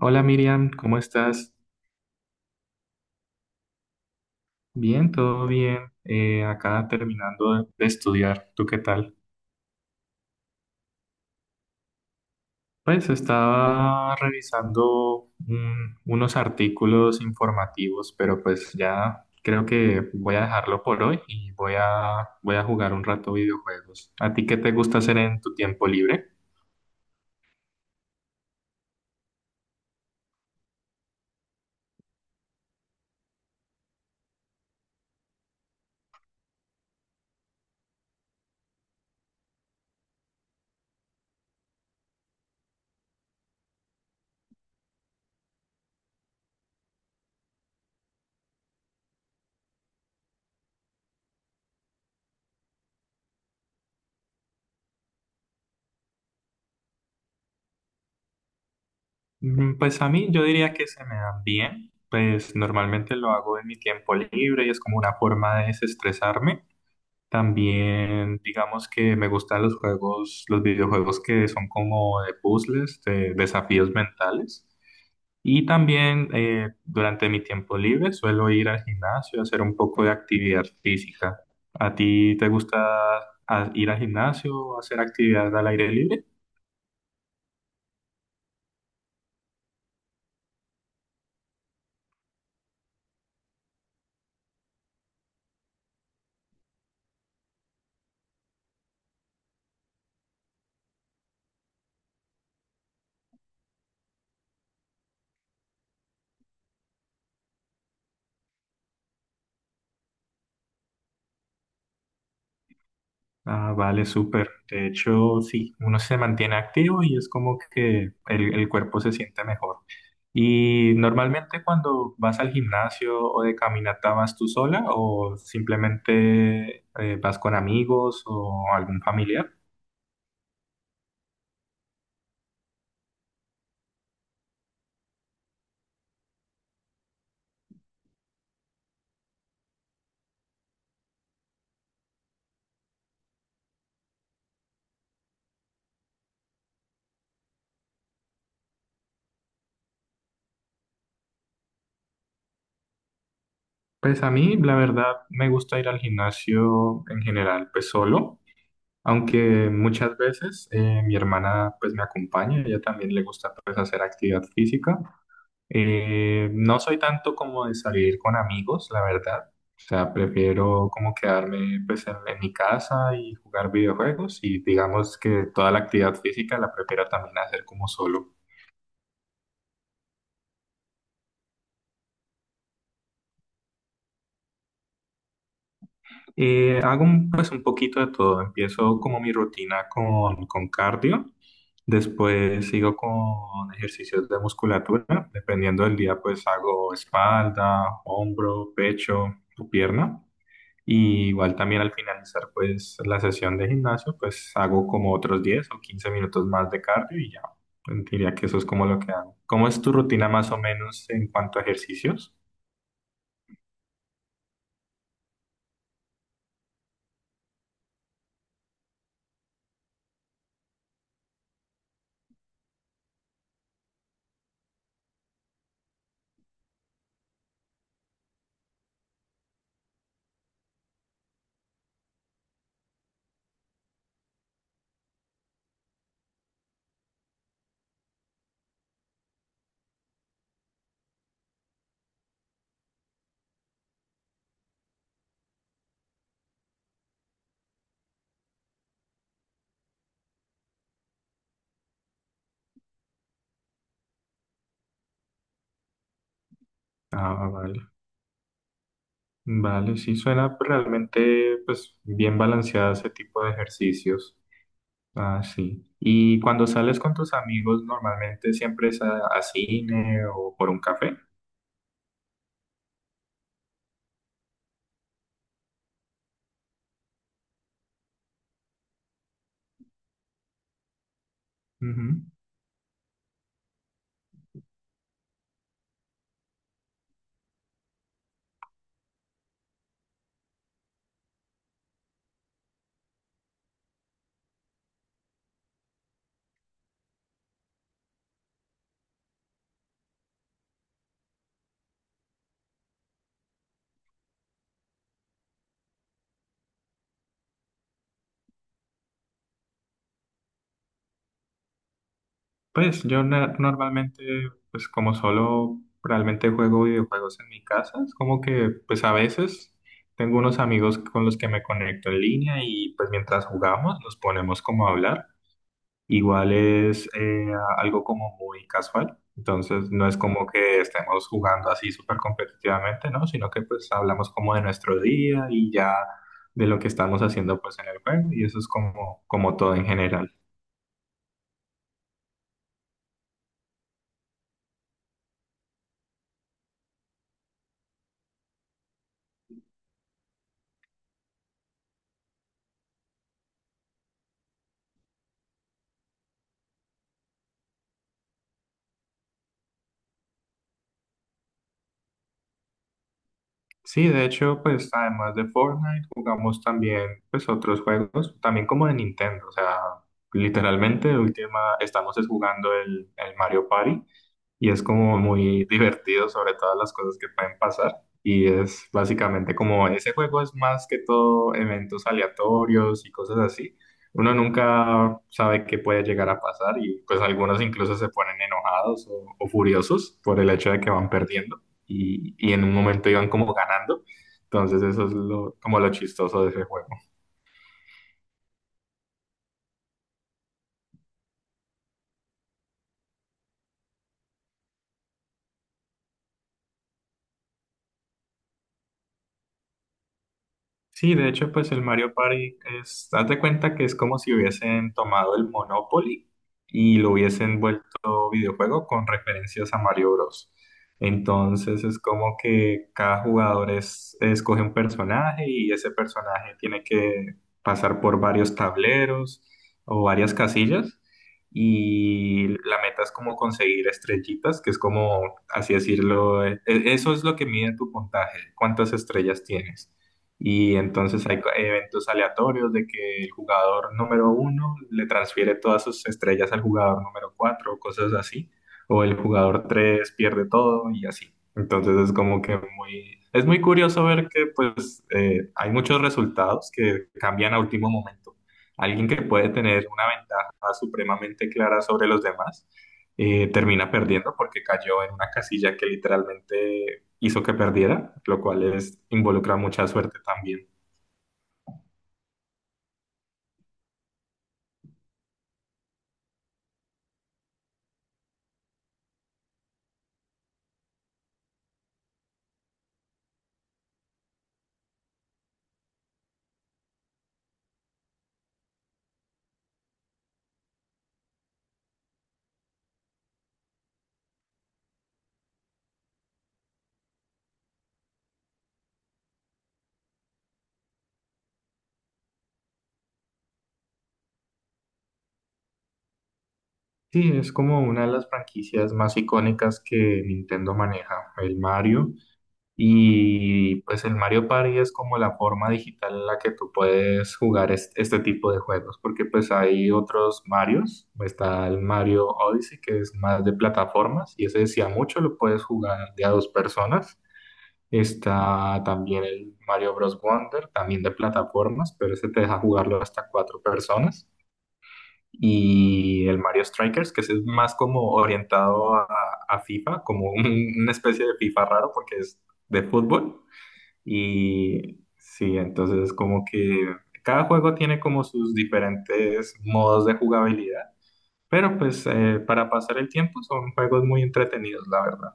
Hola Miriam, ¿cómo estás? Bien, todo bien. Acá terminando de estudiar. ¿Tú qué tal? Pues estaba revisando unos artículos informativos, pero pues ya creo que voy a dejarlo por hoy y voy voy a jugar un rato videojuegos. ¿A ti qué te gusta hacer en tu tiempo libre? Mm, pues a mí yo diría que se me dan bien. Pues normalmente lo hago en mi tiempo libre y es como una forma de desestresarme. También, digamos que me gustan los juegos, los videojuegos que son como de puzzles, de desafíos mentales. Y también durante mi tiempo libre suelo ir al gimnasio a hacer un poco de actividad física. ¿A ti te gusta ir al gimnasio o hacer actividad al aire libre? Ah, vale, súper. De hecho, sí, uno se mantiene activo y es como que el cuerpo se siente mejor. Y normalmente cuando vas al gimnasio o de caminata, ¿vas tú sola o simplemente vas con amigos o algún familiar? Pues a mí, la verdad, me gusta ir al gimnasio en general, pues solo, aunque muchas veces mi hermana pues me acompaña, a ella también le gusta pues hacer actividad física. No soy tanto como de salir con amigos, la verdad. O sea, prefiero como quedarme pues en mi casa y jugar videojuegos y digamos que toda la actividad física la prefiero también hacer como solo. Hago pues un poquito de todo. Empiezo como mi rutina con cardio, después sigo con ejercicios de musculatura, dependiendo del día pues hago espalda, hombro, pecho o pierna. Y igual también al finalizar pues la sesión de gimnasio, pues hago como otros 10 o 15 minutos más de cardio y ya. Pues, diría que eso es como lo que hago. ¿Cómo es tu rutina más o menos en cuanto a ejercicios? Ah, vale. Vale, sí suena pues, realmente pues bien balanceada ese tipo de ejercicios. Ah, sí. ¿Y cuando sales con tus amigos normalmente siempre es a cine o por un café? Ujú. Pues yo normalmente, pues como solo realmente juego videojuegos en mi casa, es como que pues a veces tengo unos amigos con los que me conecto en línea y pues mientras jugamos nos ponemos como a hablar. Igual es algo como muy casual, entonces no es como que estemos jugando así súper competitivamente, ¿no? Sino que pues hablamos como de nuestro día y ya de lo que estamos haciendo pues en el juego y eso es como, como todo en general. Sí, de hecho, pues además de Fortnite, jugamos también pues otros juegos, también como de Nintendo, o sea, literalmente última estamos es jugando el Mario Party, y es como muy divertido sobre todas las cosas que pueden pasar. Y es básicamente como ese juego es más que todo eventos aleatorios y cosas así. Uno nunca sabe qué puede llegar a pasar y pues algunos incluso se ponen enojados o furiosos por el hecho de que van perdiendo y en un momento iban como ganando. Entonces eso es lo, como lo chistoso de ese juego. Sí, de hecho, pues el Mario Party es, haz de cuenta que es como si hubiesen tomado el Monopoly y lo hubiesen vuelto videojuego con referencias a Mario Bros. Entonces es como que cada jugador es, escoge un personaje y ese personaje tiene que pasar por varios tableros o varias casillas y la meta es como conseguir estrellitas, que es como, así decirlo, eso es lo que mide tu puntaje, cuántas estrellas tienes. Y entonces hay eventos aleatorios de que el jugador número uno le transfiere todas sus estrellas al jugador número cuatro o cosas así. O el jugador tres pierde todo y así. Entonces es como que muy... Es muy curioso ver que pues hay muchos resultados que cambian a último momento. Alguien que puede tener una ventaja supremamente clara sobre los demás termina perdiendo porque cayó en una casilla que literalmente hizo que perdiera, lo cual es, involucra mucha suerte también. Sí, es como una de las franquicias más icónicas que Nintendo maneja, el Mario. Y pues el Mario Party es como la forma digital en la que tú puedes jugar este, tipo de juegos, porque pues hay otros Marios, está el Mario Odyssey, que es más de plataformas, y ese decía mucho, lo puedes jugar de a dos personas. Está también el Mario Bros. Wonder, también de plataformas, pero ese te deja jugarlo hasta cuatro personas. Y el Mario Strikers, que ese es más como orientado a FIFA, como una especie de FIFA raro porque es de fútbol. Y sí, entonces como que cada juego tiene como sus diferentes modos de jugabilidad, pero pues para pasar el tiempo son juegos muy entretenidos, la verdad.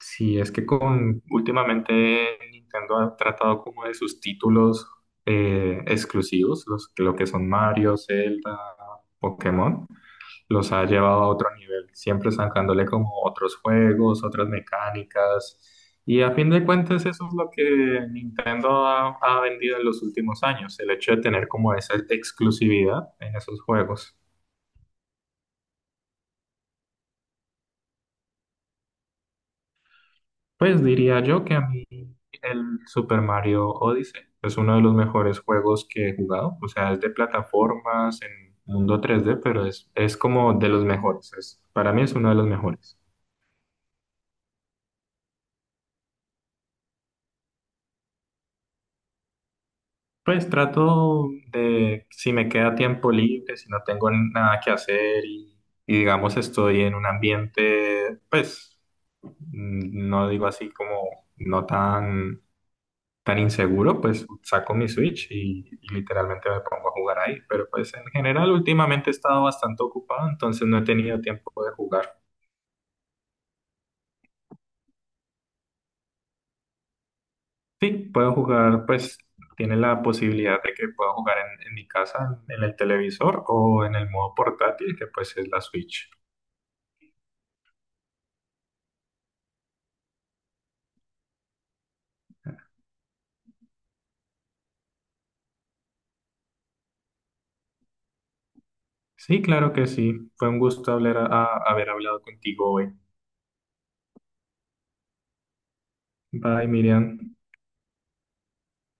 Sí, es que con últimamente Nintendo ha tratado como de sus títulos exclusivos, los, lo que son Mario, Zelda, Pokémon, los ha llevado a otro nivel, siempre sacándole como otros juegos, otras mecánicas. Y a fin de cuentas eso es lo que Nintendo ha vendido en los últimos años, el hecho de tener como esa exclusividad en esos juegos. Pues diría yo que a mí el Super Mario Odyssey es uno de los mejores juegos que he jugado. O sea, es de plataformas en mundo 3D, pero es como de los mejores. Es, para mí es uno de los mejores. Pues trato de, si me queda tiempo libre, si no tengo nada que hacer y digamos estoy en un ambiente, pues mm, no digo así como no tan tan inseguro, pues saco mi Switch y literalmente me pongo a jugar ahí. Pero pues en general últimamente he estado bastante ocupado, entonces no he tenido tiempo de jugar. Sí, puedo jugar, pues tiene la posibilidad de que pueda jugar en mi casa, en el televisor o en el modo portátil, que pues es la Switch. Sí, claro que sí. Fue un gusto hablar haber hablado contigo hoy. Bye, Miriam.